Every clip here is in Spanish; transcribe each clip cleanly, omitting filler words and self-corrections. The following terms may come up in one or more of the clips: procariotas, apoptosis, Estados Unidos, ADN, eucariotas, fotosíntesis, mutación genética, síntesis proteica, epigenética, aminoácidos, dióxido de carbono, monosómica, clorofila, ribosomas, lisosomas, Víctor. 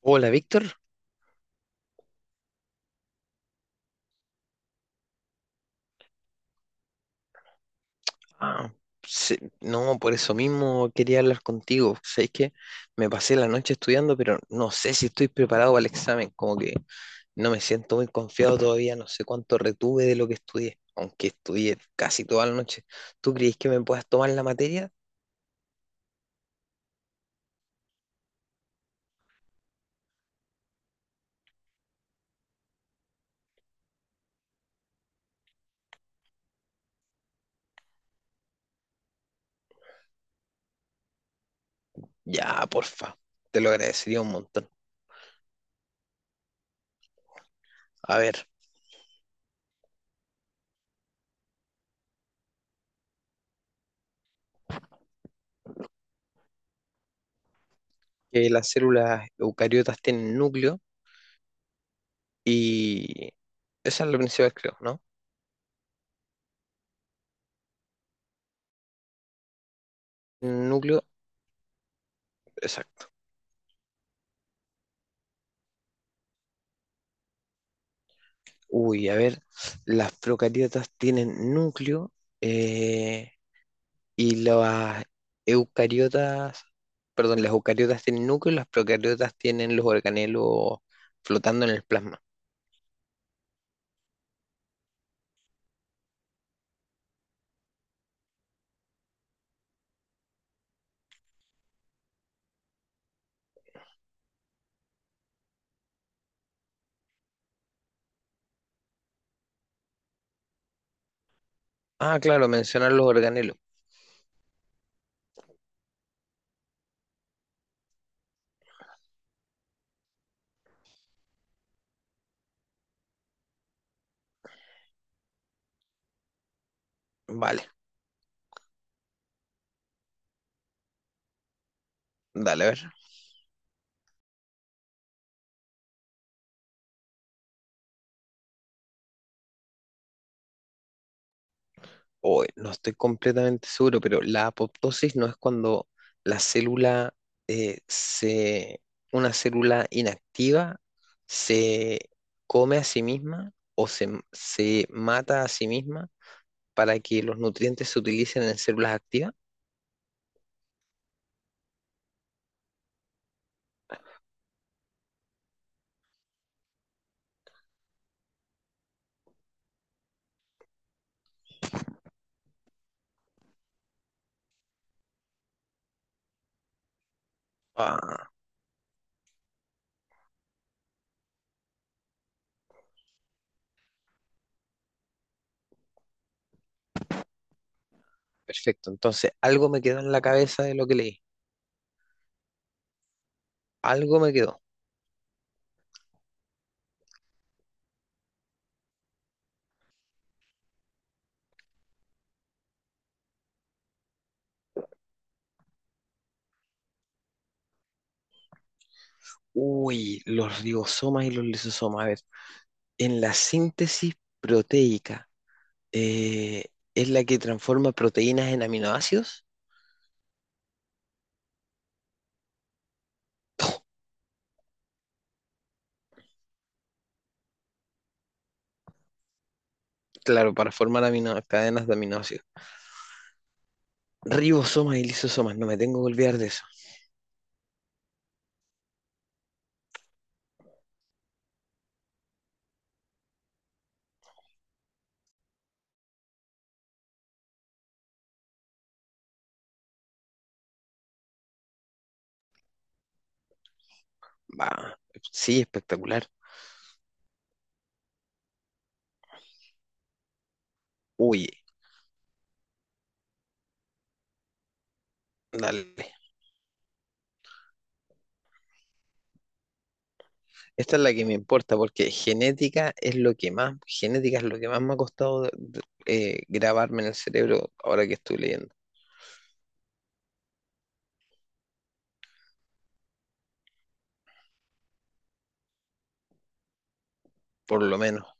Hola, Víctor. Ah, sí, no, por eso mismo quería hablar contigo. Sabes que me pasé la noche estudiando, pero no sé si estoy preparado para el examen. Como que no me siento muy confiado todavía. No sé cuánto retuve de lo que estudié, aunque estudié casi toda la noche. ¿Tú crees que me puedas tomar la materia? Ya, porfa. Te lo agradecería un montón. A ver, que las células eucariotas tienen núcleo y esa es la principal, creo, ¿no? Núcleo. Exacto. Uy, a ver, las procariotas tienen núcleo eh, y las eucariotas, perdón, las eucariotas tienen núcleo y las procariotas tienen los organelos flotando en el plasma. Ah, claro, mencionar los organelos. Vale, dale, a ver. O no estoy completamente seguro, pero la apoptosis no es cuando la célula eh, se, una célula inactiva se come a sí misma o se mata a sí misma para que los nutrientes se utilicen en células activas. Ah, perfecto. Entonces, algo me quedó en la cabeza de lo que leí. Algo me quedó. Uy, los ribosomas y los lisosomas. A ver, en la síntesis proteica. eh, es la que transforma proteínas en aminoácidos. Claro, para formar cadenas de aminoácidos. Ribosomas y lisosomas, no me tengo que olvidar de eso. Va, sí, espectacular. Uy, dale. Esta es la que me importa porque genética es lo que más, genética es lo que más me ha costado grabarme en el cerebro ahora que estoy leyendo, por lo menos.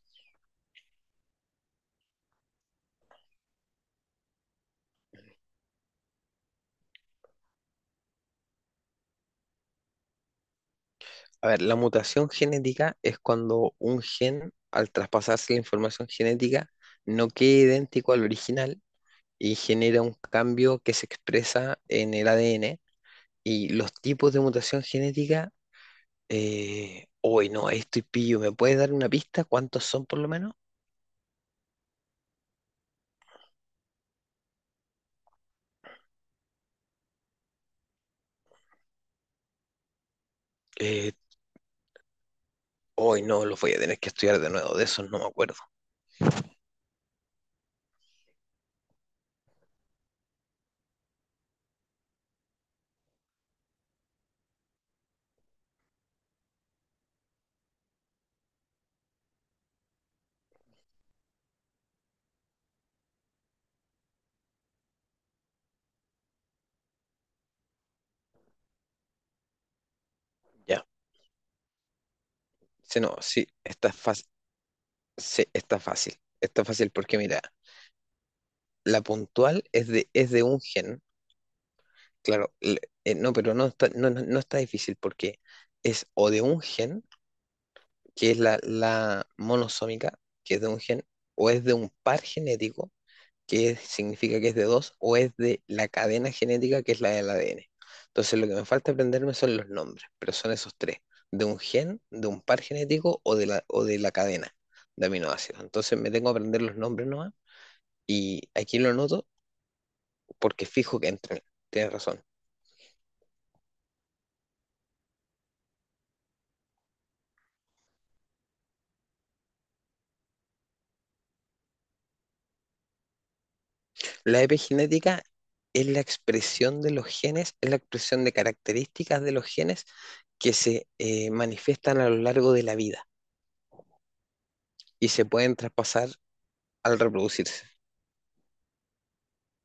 A ver, la mutación genética es cuando un gen, al traspasarse la información genética, no queda idéntico al original y genera un cambio que se expresa en el ADN. Y los tipos de mutación genética, hoy no, ahí estoy pillo, ¿me puedes dar una pista? ¿Cuántos son por lo menos? Eh, Hoy no, los voy a tener que estudiar de nuevo, de esos no me acuerdo. Ya, sí, no, sí, está fácil porque mira, la puntual es es de un gen, claro, no, pero no está, no, no está difícil porque es o de un gen, que es la monosómica, que es de un gen, o es de un par genético, significa que es de dos, o es de la cadena genética, que es la del ADN. Entonces, lo que me falta aprenderme son los nombres, pero son esos tres, de un gen, de un par genético o de la cadena de aminoácidos. Entonces, me tengo que aprender los nombres nomás, y aquí lo anoto porque fijo que entran. Tienes razón. La epigenética es la expresión de los genes, es la expresión de características de los genes que se manifiestan a lo largo de la vida y se pueden traspasar al reproducirse.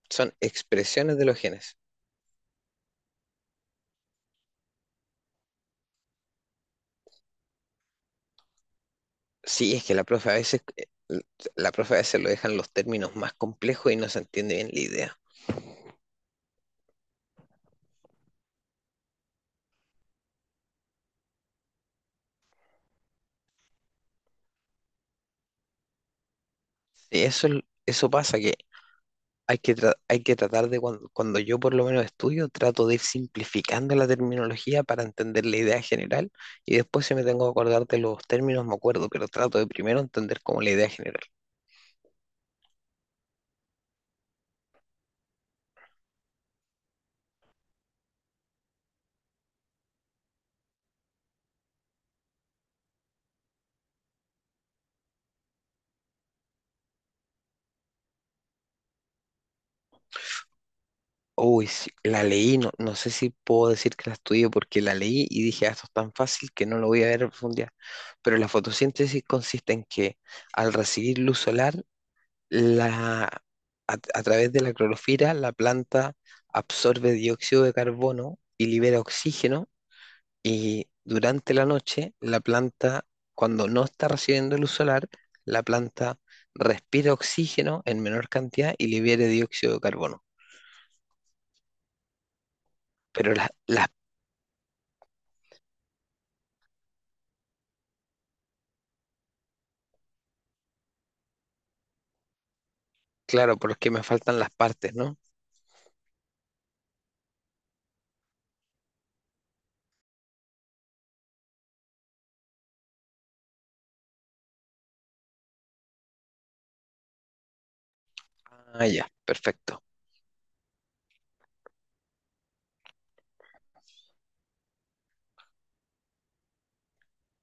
Son expresiones de los genes. Sí, es que la profe a veces, la profe a veces lo dejan los términos más complejos y no se entiende bien la idea. Y eso pasa, que hay que, hay que tratar de, cuando, cuando yo por lo menos estudio, trato de ir simplificando la terminología para entender la idea general y después si me tengo que acordar de los términos me acuerdo, pero trato de primero entender como la idea general. Uy, sí, la leí, no, no sé si puedo decir que la estudié porque la leí y dije, "Ah, esto es tan fácil que no lo voy a ver a profundidad". Pero la fotosíntesis consiste en que al recibir luz solar, la, a, a través de la clorofila, la planta absorbe dióxido de carbono y libera oxígeno y durante la noche, la planta, cuando no está recibiendo luz solar, la planta respira oxígeno en menor cantidad y libera dióxido de carbono, pero las. Claro, porque me faltan las partes, ¿no? Ah, ya, perfecto.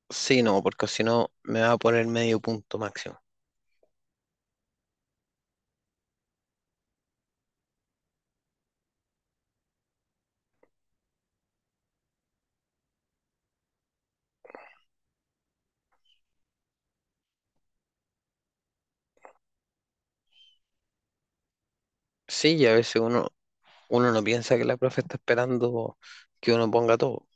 Sí, no, porque si no me va a poner medio punto máximo. Sí, y a veces uno, uno no piensa que la profe está esperando que uno ponga todo.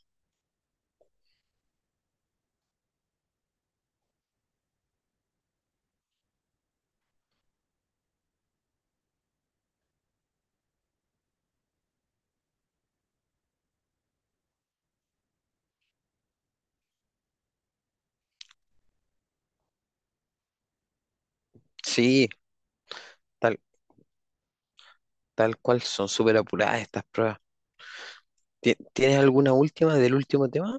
Sí, tal, tal cual, son súper apuradas estas pruebas. ¿Tienes alguna última del último tema?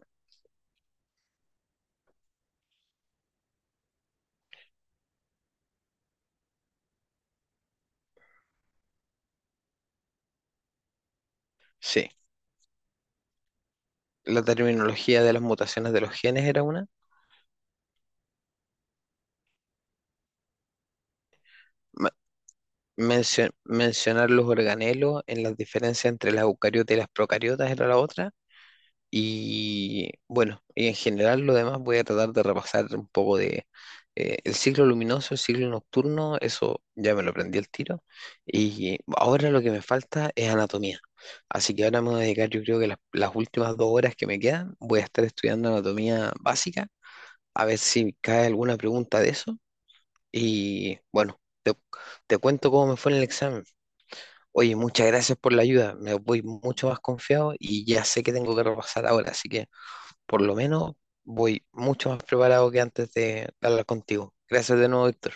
Sí, la terminología de las mutaciones de los genes era una. Ma- Mencionar los organelos en las diferencias entre las eucariotas y las procariotas era la otra. Y bueno, y en general lo demás voy a tratar de repasar un poco de el ciclo luminoso, el ciclo nocturno, eso ya me lo aprendí al tiro. Y ahora lo que me falta es anatomía. Así que ahora me voy a dedicar, yo creo que las últimas 2 horas que me quedan, voy a estar estudiando anatomía básica, a ver si cae alguna pregunta de eso. Y bueno, te cuento cómo me fue en el examen. Oye, muchas gracias por la ayuda, me voy mucho más confiado y ya sé que tengo que repasar ahora, así que por lo menos voy mucho más preparado que antes de hablar contigo. Gracias de nuevo, Víctor.